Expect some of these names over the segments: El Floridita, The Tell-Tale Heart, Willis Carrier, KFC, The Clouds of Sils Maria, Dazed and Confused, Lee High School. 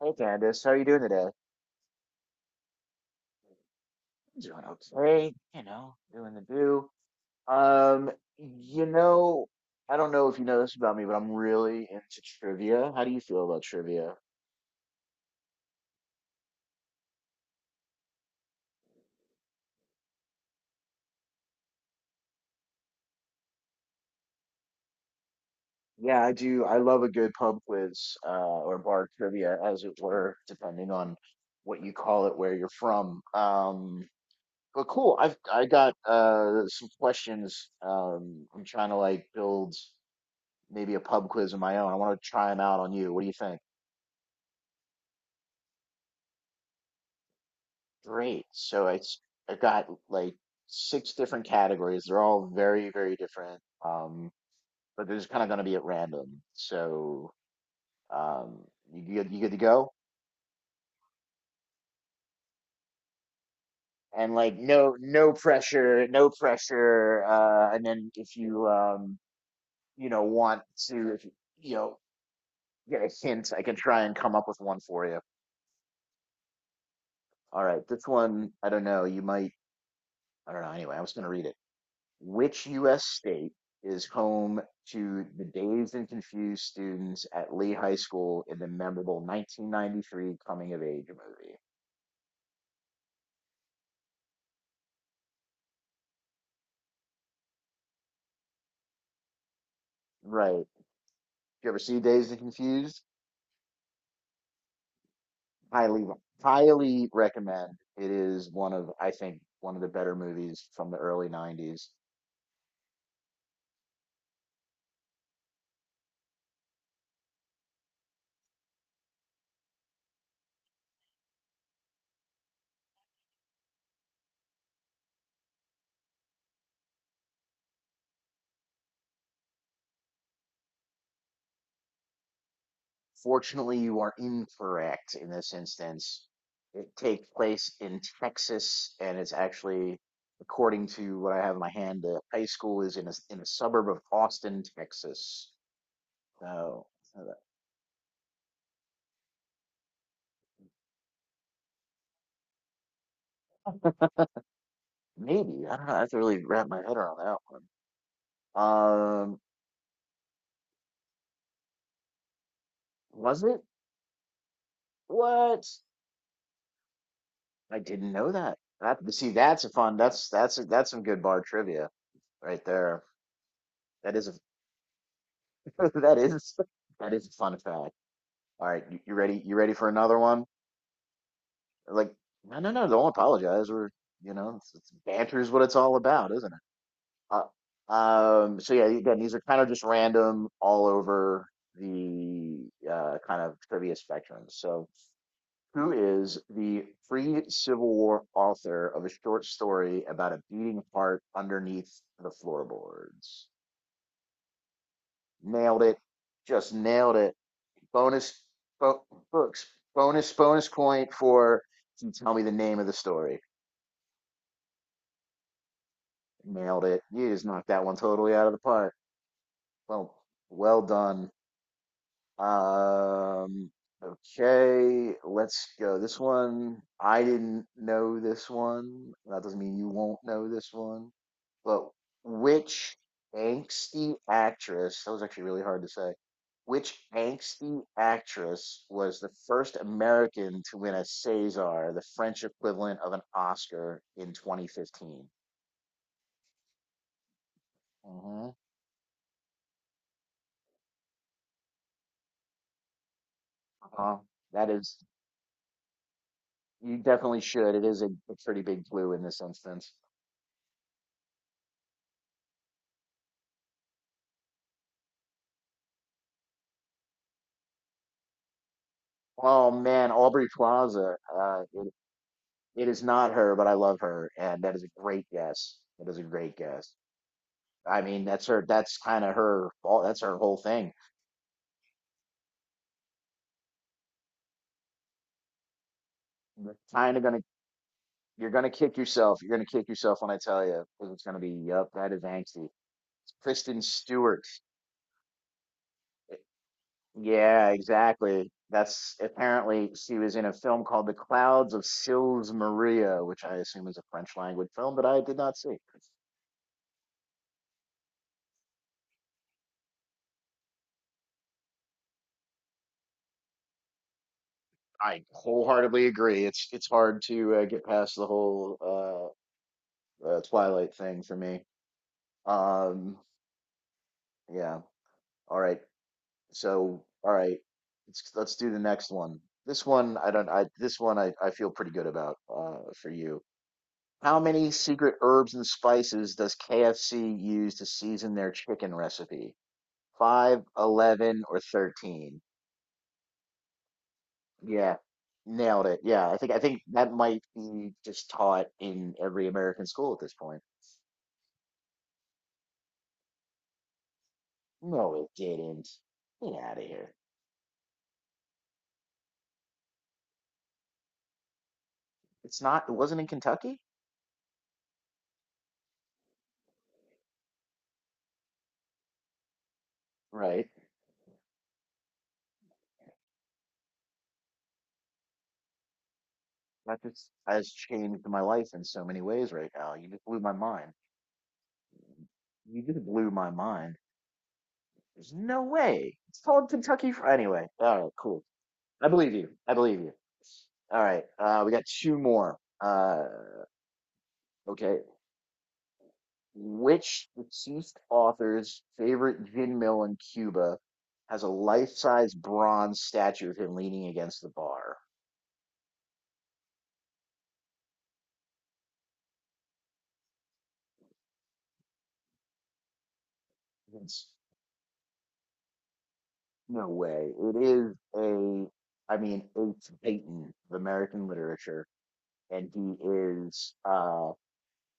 Hey Candace, how are you doing today? I'm doing okay, you know, doing the do. Um, you know, I don't know if you know this about me, but I'm really into trivia. How do you feel about trivia? Yeah, I do. I love a good pub quiz, or bar trivia, as it were, depending on what you call it, where you're from. But cool. I got some questions. I'm trying to like build maybe a pub quiz of my own. I want to try them out on you. What do you think? Great. So it's I got like six different categories. They're all very, very different. But they're just kind of going to be at random. So um, you good? You good to go? And like no, no pressure, no pressure. And then if you want to, if you get a hint, I can try and come up with one for you. All right, this one, I don't know. You might, I don't know. Anyway, I was going to read it. Which U.S. state is home to the Dazed and Confused students at Lee High School in the memorable 1993 coming of age movie? Right. You ever see Dazed and Confused, highly, highly recommend. It is one of, I think, one of the better movies from the early 90s. Fortunately, you are incorrect in this instance. It takes place in Texas, and it's actually, according to what I have in my hand, the high school is in a suburb of Austin, Texas. So uh, maybe I don't know. I have to really wrap my head around that one. Um, was it? What? I didn't know that. That see, that's a fun. That's some good bar trivia right there. That is a that is that is a fun fact. All right, you ready? You ready for another one? Like, no, no, no, don't apologize. It's banter is what it's all about, isn't it? Uh, so yeah, again, these are kind of just random all over the kind of trivia spectrum. So, who is the free Civil War author of a short story about a beating heart underneath the floorboards? Nailed it. Just nailed it. bonus bo- Books, bonus point for you tell me the name of the story. Nailed it. You just knocked that one totally out of the park. Well, well done. Um, okay, let's go. This one, I didn't know this one. That doesn't mean you won't know this one. But which angsty actress, that was actually really hard to say. Which angsty actress was the first American to win a César, the French equivalent of an Oscar, in 2015? Hmm. Uh-huh. That is, you definitely should. It is a pretty big clue in this instance. Oh man, Aubrey Plaza. It is not her, but I love her, and that is a great guess. That is a great guess. I mean, that's her. That's kind of her fault. That's her whole thing. You're kind of gonna. You're gonna kick yourself. You're gonna kick yourself when I tell you, because it's gonna be. Yup, that is angsty. It's Kristen Stewart. eh, Yeah, exactly. That's apparently she was in a film called The Clouds of Sils Maria, which I assume is a French language film, but I did not see. I wholeheartedly agree. It's hard to get past the whole Twilight thing for me. Um, yeah. All right. So, all right. Let's do the next one. This one I don't. I This one I feel pretty good about for you. How many secret herbs and spices does KFC use to season their chicken recipe? Five, 11, or 13? Yeah, nailed it. Yeah, I think that might be just taught in every American school at this point. No, it didn't. Get out of here. It's not. It wasn't in Kentucky, right? That just has changed my life in so many ways right now. You just blew my mind. You just blew my mind. There's no way. It's called Kentucky Fried. Anyway, all right, cool. I believe you. I believe you. All right, we got two more. Okay, which deceased author's favorite gin mill in Cuba has a life-size bronze statue of him leaning against the bar? It's No way. It is I mean, it's Peyton of American literature, and he is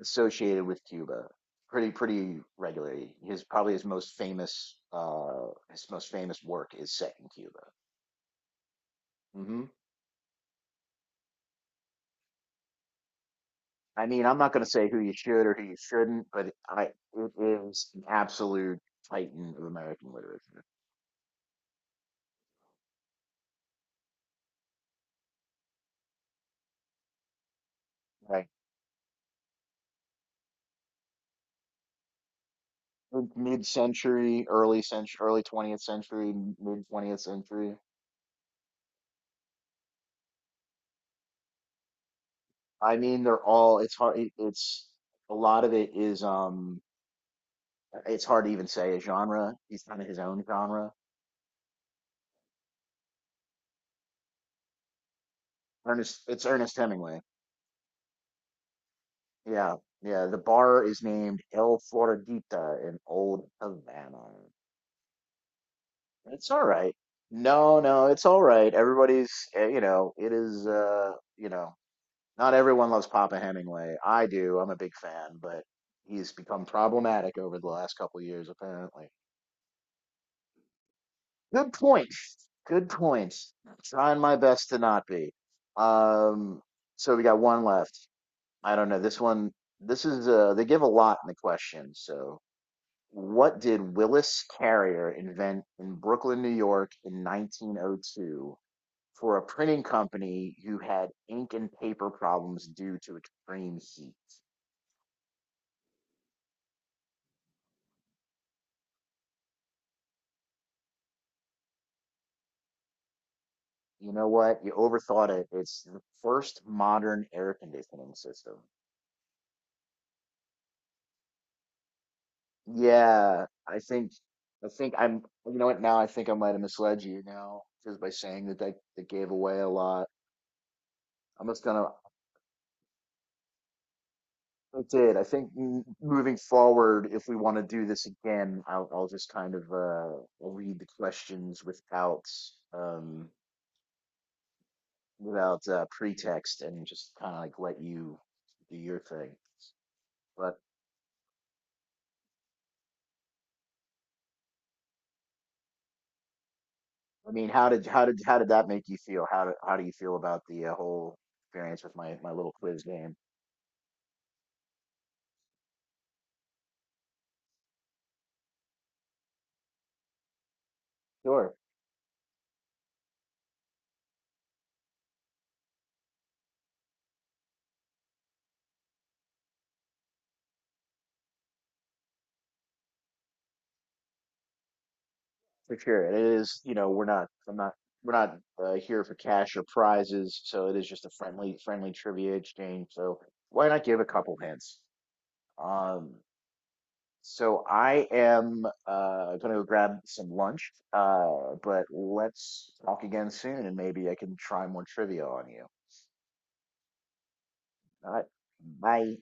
associated with Cuba pretty pretty regularly. His probably his most famous work is set in Cuba. Hmm. I mean, I'm not going to say who you should or who you shouldn't, but I it is an absolute titan of American literature. Like mid century, early 20th century, mid 20th century. I mean, they're all. It's hard. It's a lot of it is. It's hard to even say a genre. He's kind of his own genre. Ernest. It's Ernest Hemingway. Yeah, yeah. The bar is named El Floridita in Old Havana. It's all right. No, no, it's all right. Everybody's, eh, you know, It is, not everyone loves Papa Hemingway. I do. I'm a big fan, but he's become problematic over the last couple years, apparently. Good point. Good point. Trying my best to not be. Um, so we got one left. I don't know. This one, this is, they give a lot in the question. So, what did Willis Carrier invent in Brooklyn, New York in 1902 for a printing company who had ink and paper problems due to extreme heat? You know what? You overthought it. It's the first modern air conditioning system. Yeah, I think I'm you know what now I think I might have misled you now because by saying that they gave away a lot. I'm just gonna I did. Moving forward, if we want to do this again, I'll just kind of I'll read the questions without um without pretext and just kind of like let you do your thing. But I mean, how did that make you feel? How do you feel about the whole experience with my my little quiz game? Sure, for sure. And it is, you know, we're not I'm not we're not here for cash or prizes, so it is just a friendly friendly trivia exchange. So why not give a couple hints? Um, So I am going to go grab some lunch, but let's talk again soon, and maybe I can try more trivia on you. All right, bye.